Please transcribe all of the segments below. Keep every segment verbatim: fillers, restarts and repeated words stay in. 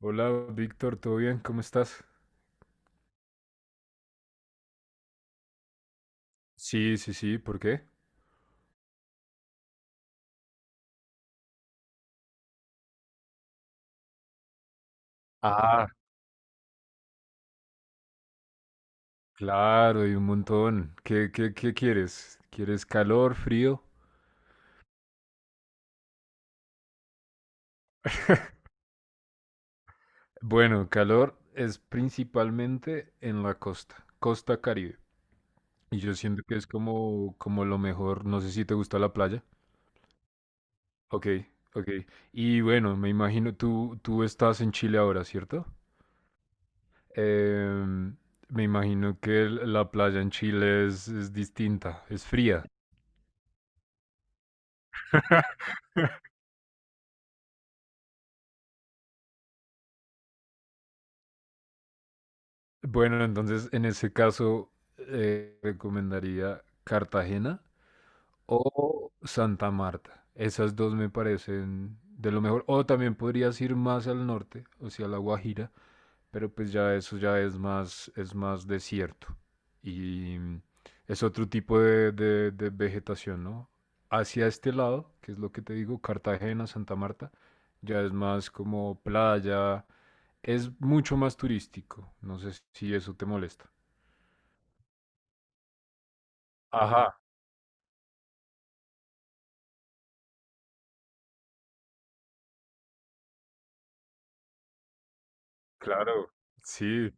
Hola, Víctor, ¿todo bien? ¿Cómo estás? Sí, sí, sí, ¿por qué? Ah, Ah, claro, y un montón. ¿Qué, qué, qué quieres? ¿Quieres calor, frío? Bueno, calor es principalmente en la costa, costa Caribe. Y yo siento que es como, como lo mejor. No sé si te gusta la playa. Ok, ok. Y bueno, me imagino, tú, tú estás en Chile ahora, ¿cierto? Em, me imagino que el- la playa en Chile es, es distinta, es fría. Bueno, entonces en ese caso eh, recomendaría Cartagena o Santa Marta. Esas dos me parecen de lo mejor. O también podrías ir más al norte, o sea, La Guajira, pero pues ya eso ya es más, es más desierto. Y mm, es otro tipo de, de- de vegetación, ¿no? Hacia este lado, que es lo que te digo, Cartagena, Santa Marta, ya es más como playa, es mucho más turístico. No sé si eso te molesta. Ajá, claro, sí,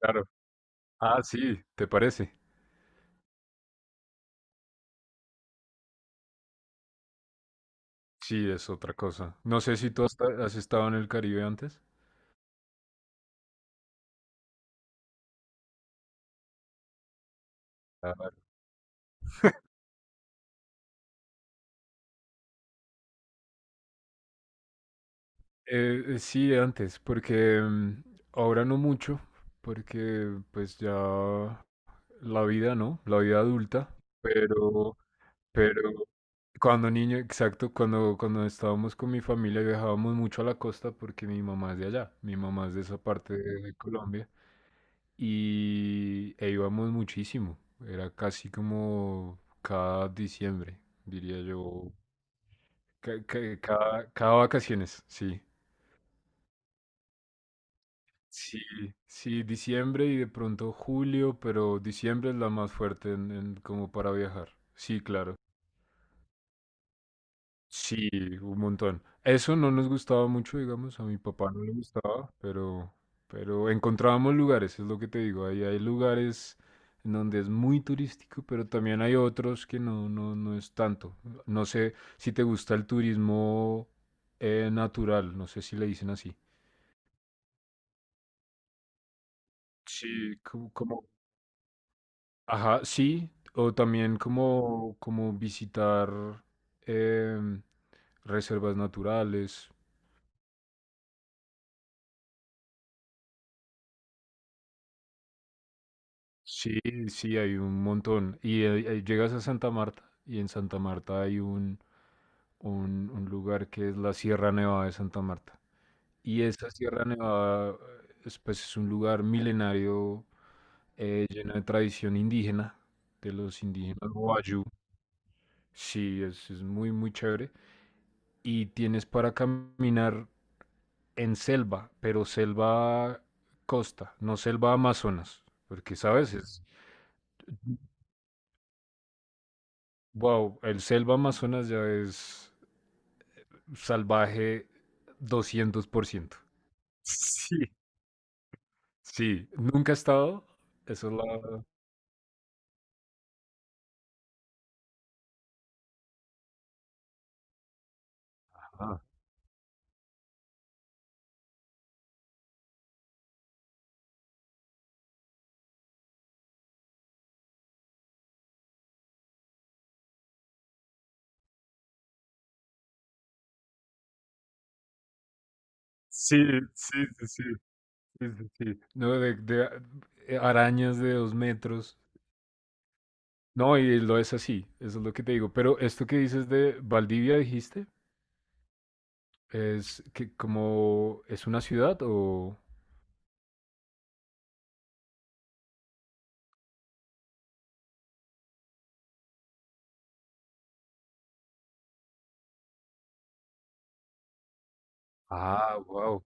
claro. Ah, sí, ¿te parece? Sí, es otra cosa. No sé si tú has, has estado en el Caribe antes. Claro. Eh, eh, sí, antes, porque mm, ahora no mucho, porque pues ya la vida, ¿no? La vida adulta, pero, pero cuando niño, exacto, cuando, cuando estábamos con mi familia viajábamos mucho a la costa porque mi mamá es de allá, mi mamá es de esa parte de de Colombia. y e íbamos muchísimo. Era casi como cada diciembre, diría yo. Ca- ca- Cada, cada vacaciones, sí. Sí, sí, diciembre y de pronto julio, pero diciembre es la más fuerte en, en- como para viajar. Sí, claro. Sí, un montón. Eso no nos gustaba mucho, digamos, a mi papá no le gustaba, pero, pero encontrábamos lugares, es lo que te digo, ahí hay lugares en donde es muy turístico, pero también hay otros que no, no, no es tanto. No sé si te gusta el turismo eh, natural, no sé si le dicen así. Sí, como, como, ajá, sí, o también como, como visitar em, reservas naturales. Sí, sí, hay un montón. Y eh, eh, llegas a Santa Marta y en Santa Marta hay un, un, un lugar que es la Sierra Nevada de Santa Marta. Y esa Sierra Nevada es, pues, es un lugar milenario eh, lleno de tradición indígena, de los indígenas Wayuu. Sí, es, es muy, muy chévere. Y tienes para caminar en selva, pero selva costa, no selva Amazonas, porque, ¿sabes? Es Wow, el selva Amazonas ya es salvaje doscientos por ciento. Sí, sí, nunca he estado. Eso es la... Ajá. Sí, sí, sí, sí, sí, sí, sí. No, de, de a- eh, arañas de dos metros. No, y lo es así, eso es lo que te digo. Pero esto que dices de Valdivia, dijiste, es que como es una ciudad o... Ah, wow.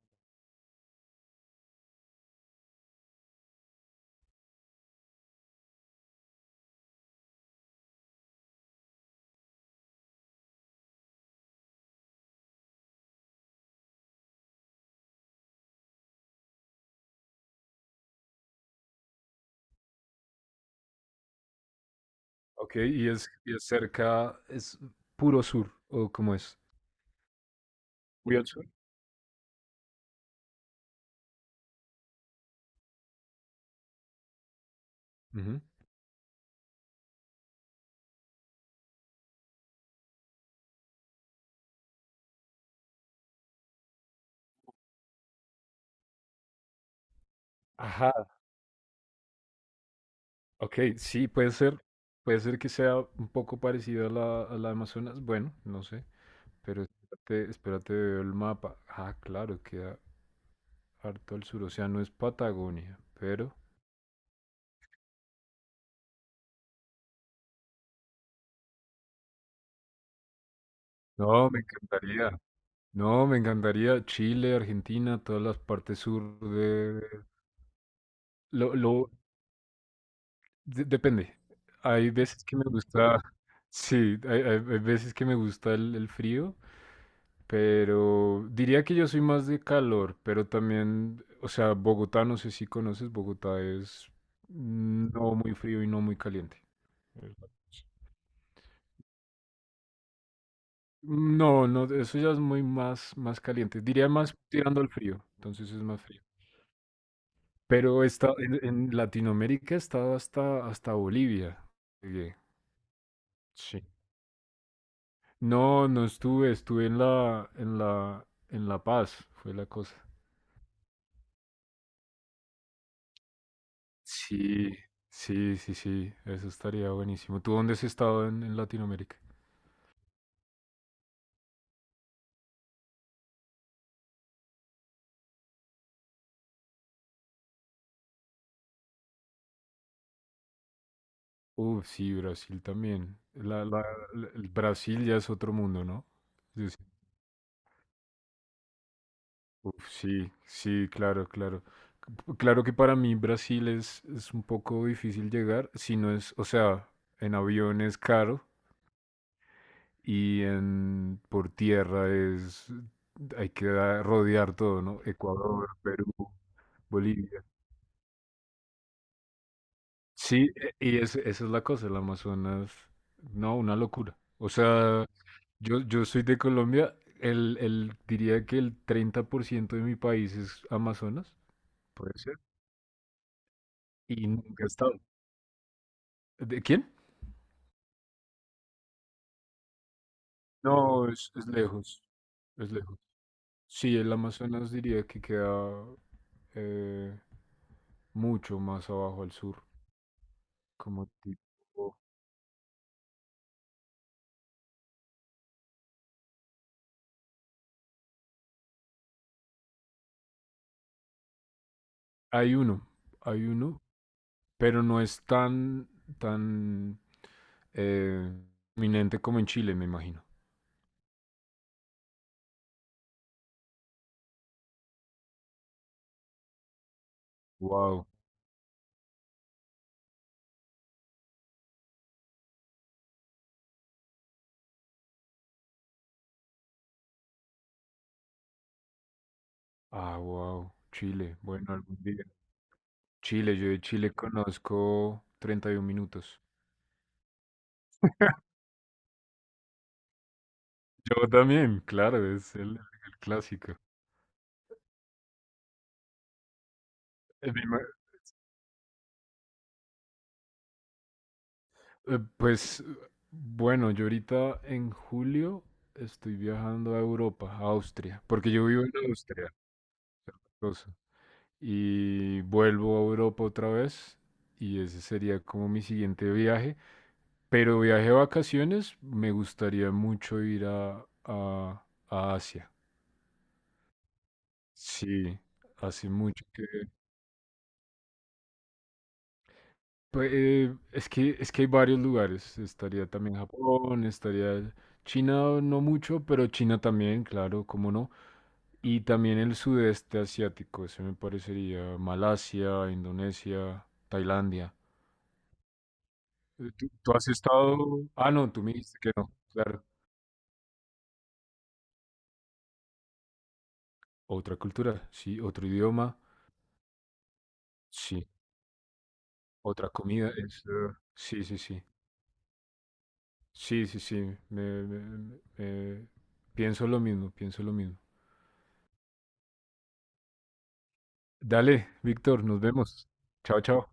Ok, y es, y es cerca, es puro sur, o cómo es. Ujú. Ajá, ok, sí, puede ser, puede ser que sea un poco parecido a la, a la Amazonas, bueno, no sé, pero espérate, espérate, veo el mapa. Ah, claro, queda harto al sur, o sea, no es Patagonia, pero... No, me encantaría, no, me encantaría Chile, Argentina, todas las partes sur de... Lo, lo, de- depende, hay veces que me gusta, sí, hay, hay- hay veces que me gusta el el frío. Pero diría que yo soy más de calor, pero también, o sea, Bogotá, no sé si conoces, Bogotá es no muy frío y no muy caliente. Es- No, no, eso ya es muy más, más caliente. Diría más tirando al frío, entonces es más frío. Pero está en, en Latinoamérica está hasta, hasta Bolivia. Llegué. Sí. No, no estuve, estuve en la, en la, en La Paz, fue la cosa. Sí, sí, sí, sí, eso estaría buenísimo. ¿Tú dónde has estado en, en Latinoamérica? Uf, sí, Brasil también. La, la- la- el Brasil ya es otro mundo, ¿no? Sí, sí. Uf, sí, sí, claro, claro. C- Claro que para mí Brasil es, es un poco difícil llegar, si no es, o sea, en avión es caro y en por tierra es, hay que da- rodear todo, ¿no? Ecuador, Perú, Bolivia. Sí, e- y es, esa es la cosa, el Amazonas, no, una locura. O sea, yo, yo soy de Colombia, el, el, diría que el treinta por ciento de mi país es Amazonas, puede ser, y nunca he estado. ¿De quién? No, es, es lejos, es lejos. Sí, el Amazonas diría que queda eh, mucho más abajo al sur, como tipo... Hay uno, hay uno, pero no es tan, tan Eh, eminente como en Chile, me imagino. Wow. Ah, wow. Chile. Bueno, algún día. Chile, yo de Chile conozco treinta y uno minutos. Yo también, claro, es el, el clásico. Eh, me ima- eh, Pues bueno, yo ahorita en julio estoy viajando a Europa, a Austria, porque yo vivo en Austria, cosa, y vuelvo a Europa otra vez, y ese sería como mi siguiente viaje. Pero viaje de vacaciones, me gustaría mucho ir a, a- a Asia. Sí, hace mucho que... Pues, eh, es que, es que hay varios lugares. Estaría también Japón, estaría China, no mucho, pero China también, claro, cómo no. Y también el sudeste asiático, ese me parecería Malasia, Indonesia, Tailandia. Eh, ¿Tú, tú has estado...? Ah, no, tú me dijiste que no, claro. Otra cultura, sí, otro idioma, sí. Otra comida, es, eh, sí, sí, sí, sí, sí, sí, me- me- me- me- pienso lo mismo, pienso lo mismo. Dale, Víctor, nos vemos. Chao, chao.